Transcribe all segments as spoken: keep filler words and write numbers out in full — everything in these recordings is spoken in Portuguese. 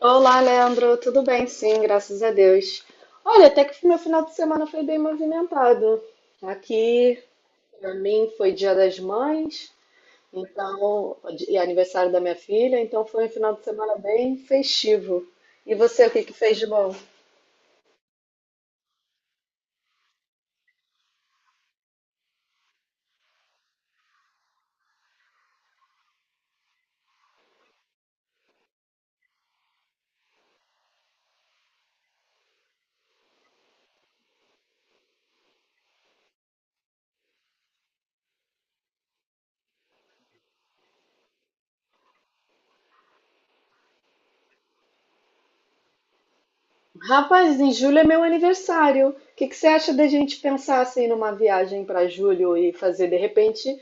Olá, Leandro. Tudo bem? Sim, graças a Deus. Olha, até que meu final de semana foi bem movimentado. Tá aqui, para mim, foi Dia das Mães, então, e aniversário da minha filha, então foi um final de semana bem festivo. E você, o que que fez de bom? Rapaz, em julho é meu aniversário. O que que você acha da gente pensar assim numa viagem para julho e fazer de repente,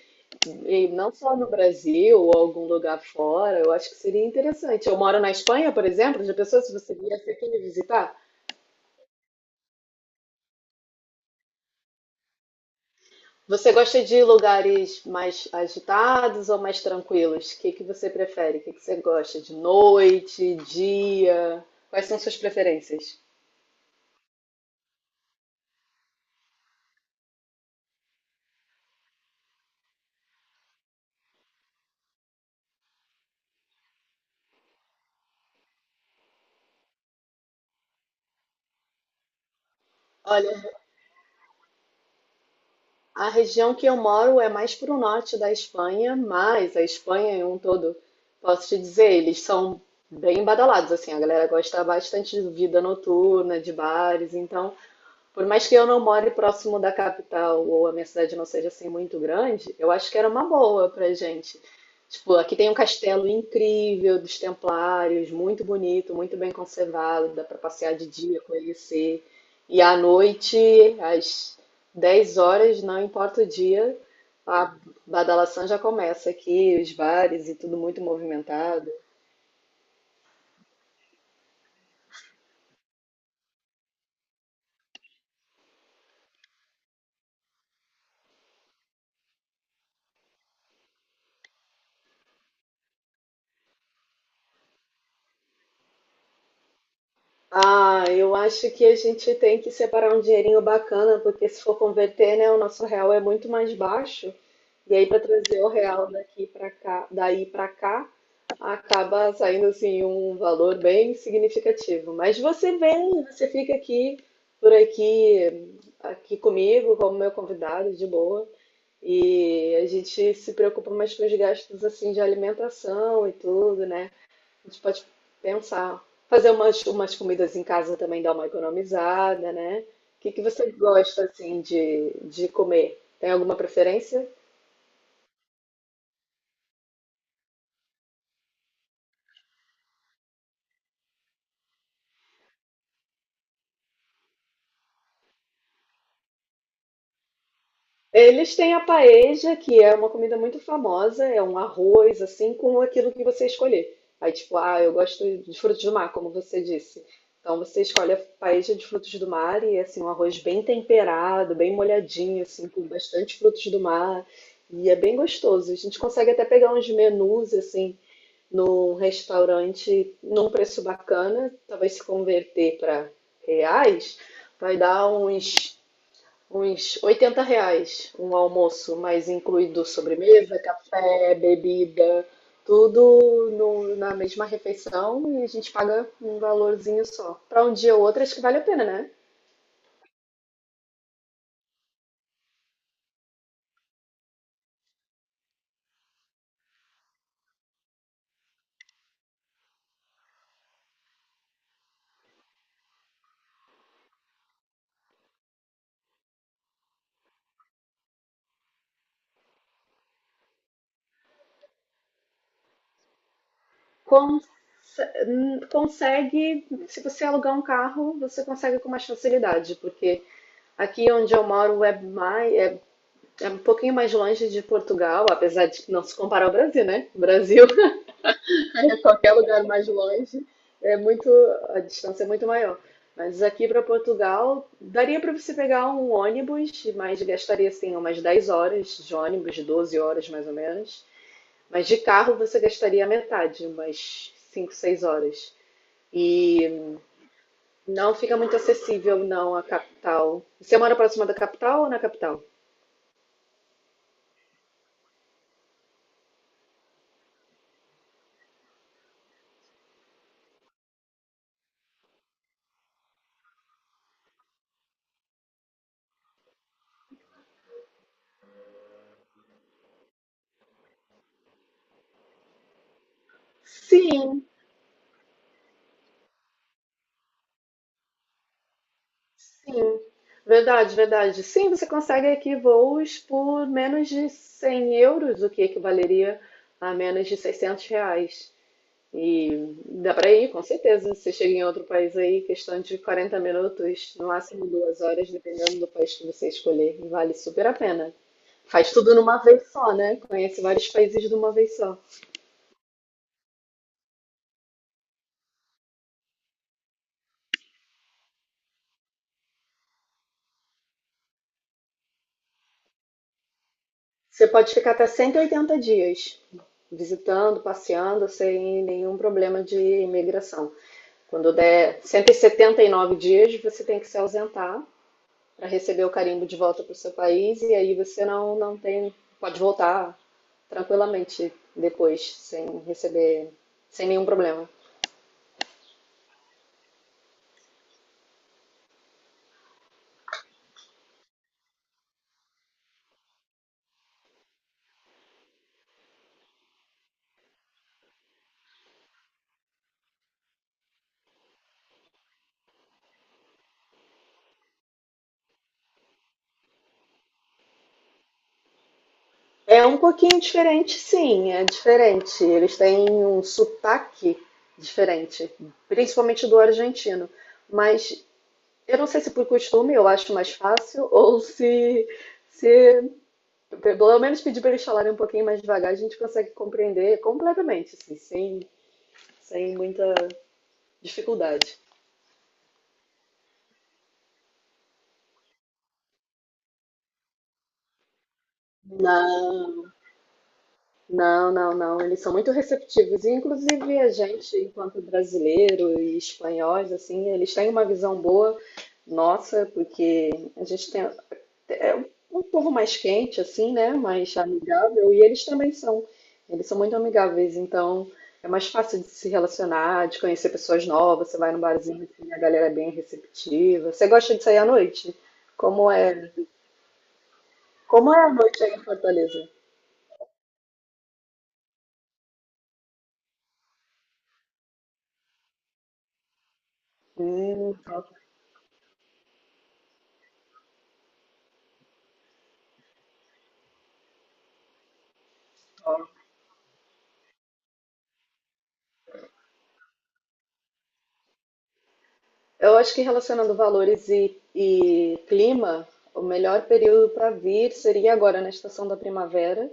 e não só no Brasil ou algum lugar fora? Eu acho que seria interessante. Eu moro na Espanha, por exemplo. Já pensou se você viesse aqui me visitar? Você gosta de lugares mais agitados ou mais tranquilos? O que que você prefere? O que que você gosta? De noite, dia? Quais são suas preferências? A região que eu moro é mais para o norte da Espanha, mas a Espanha em um todo, posso te dizer, eles são bem badalados, assim, a galera gosta bastante de vida noturna, de bares, então por mais que eu não more próximo da capital ou a minha cidade não seja assim muito grande, eu acho que era uma boa pra gente. Tipo, aqui tem um castelo incrível dos Templários, muito bonito, muito bem conservado, dá pra passear de dia, conhecer. E à noite, às dez horas, não importa o dia, a badalação já começa aqui, os bares e tudo muito movimentado. Ah, eu acho que a gente tem que separar um dinheirinho bacana, porque se for converter, né, o nosso real é muito mais baixo. E aí para trazer o real daqui para cá, daí para cá, acaba saindo assim um valor bem significativo. Mas você vem, você fica aqui por aqui, aqui comigo como meu convidado de boa. E a gente se preocupa mais com os gastos assim de alimentação e tudo, né? A gente pode pensar. Fazer umas, umas comidas em casa também dá uma economizada, né? O que que você gosta, assim, de, de comer? Tem alguma preferência? Eles têm a paella, que é uma comida muito famosa, é um arroz, assim, com aquilo que você escolher. Aí, tipo, ah, eu gosto de frutos do mar, como você disse. Então, você escolhe a paella de frutos do mar e, é assim, um arroz bem temperado, bem molhadinho, assim, com bastante frutos do mar. E é bem gostoso. A gente consegue até pegar uns menus, assim, num restaurante num preço bacana, talvez se converter para reais, vai dar uns, uns oitenta reais um almoço, mas incluído sobremesa, café, bebida, tudo no- na mesma refeição e a gente paga um valorzinho só. Para um dia ou outro, acho que vale a pena, né? con hum, Consegue, se você alugar um carro, você consegue com mais facilidade, porque aqui onde eu moro é mais, é um pouquinho mais longe de Portugal, apesar de que não se comparar ao Brasil, né? O Brasil é muito, a distância é muito maior. Mas aqui para Portugal, daria para você pegar um ônibus, mas gastaria assim umas dez horas de ônibus, doze horas mais ou menos. Mas de carro você gastaria a metade, umas cinco, seis horas. E não fica muito acessível não a capital. Você mora próxima da capital ou na capital? Sim, Sim, verdade, verdade. Sim, você consegue aqui voos por menos de cem euros, o que equivaleria a menos de seiscentos reais. E dá para ir, com certeza. Você chega em outro país aí, questão de quarenta minutos, no máximo duas horas, dependendo do país que você escolher. Vale super a pena. Faz tudo numa vez só, né? Conhece vários países de uma vez só. Você pode ficar até cento e oitenta dias visitando, passeando, sem nenhum problema de imigração. Quando der cento e setenta e nove dias, você tem que se ausentar para receber o carimbo de volta para o seu país e aí você não, não tem, pode voltar tranquilamente depois, sem receber, sem nenhum problema. É um pouquinho diferente, sim, é diferente. Eles têm um sotaque diferente, principalmente do argentino. Mas eu não sei se por costume eu acho mais fácil ou se, se pelo menos pedir para eles falarem um pouquinho mais devagar, a gente consegue compreender completamente, assim, sem, sem muita dificuldade. Não, não, não, não. Eles são muito receptivos. E, inclusive a gente, enquanto brasileiro e espanhóis, assim, eles têm uma visão boa nossa, porque a gente tem, é um povo mais quente, assim, né? Mais amigável. E eles também são. Eles são muito amigáveis, então é mais fácil de se relacionar, de conhecer pessoas novas. Você vai num barzinho, assim, a galera é bem receptiva. Você gosta de sair à noite? Como é? Como é a noite aí em Fortaleza? Eu acho que relacionando valores e, e clima, o melhor período para vir seria agora na estação da primavera,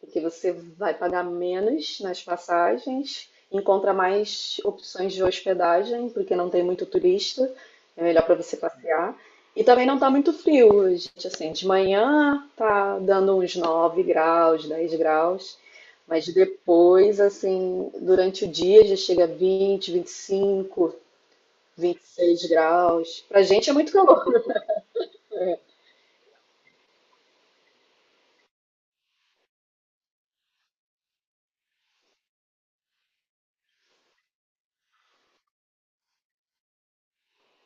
porque você vai pagar menos nas passagens, encontra mais opções de hospedagem, porque não tem muito turista, é melhor para você passear. E também não tá muito frio, gente, assim, de manhã tá dando uns nove graus, dez graus, mas depois, assim, durante o dia já chega a vinte, vinte e cinco, vinte e seis graus. Pra gente é muito calor.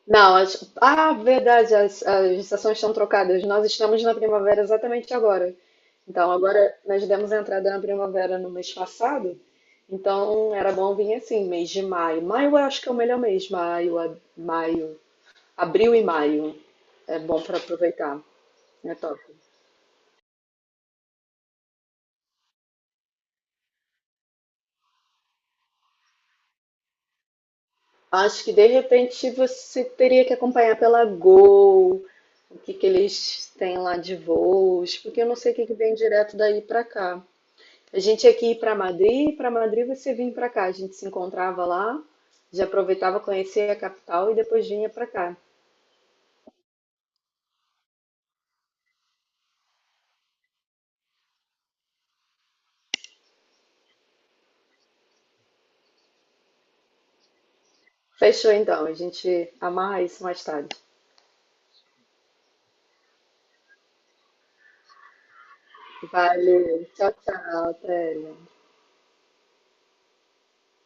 Não, as... ah, verdade, as, as estações estão trocadas. Nós estamos na primavera exatamente agora. Então, agora nós demos entrada na primavera no mês passado. Então, era bom vir assim, mês de maio. Maio eu acho que é o melhor mês. Maio, a- maio, abril e maio. É bom para aproveitar. É top. Acho que de repente você teria que acompanhar pela Gol o que que eles têm lá de voos, porque eu não sei o que que vem direto daí pra cá. A gente ia aqui para Madrid, e para Madrid você vinha pra cá, a gente se encontrava lá, já aproveitava conhecer a capital e depois vinha pra cá. Fechou então, a gente amarra isso mais tarde. Valeu, tchau, tchau, Thélia.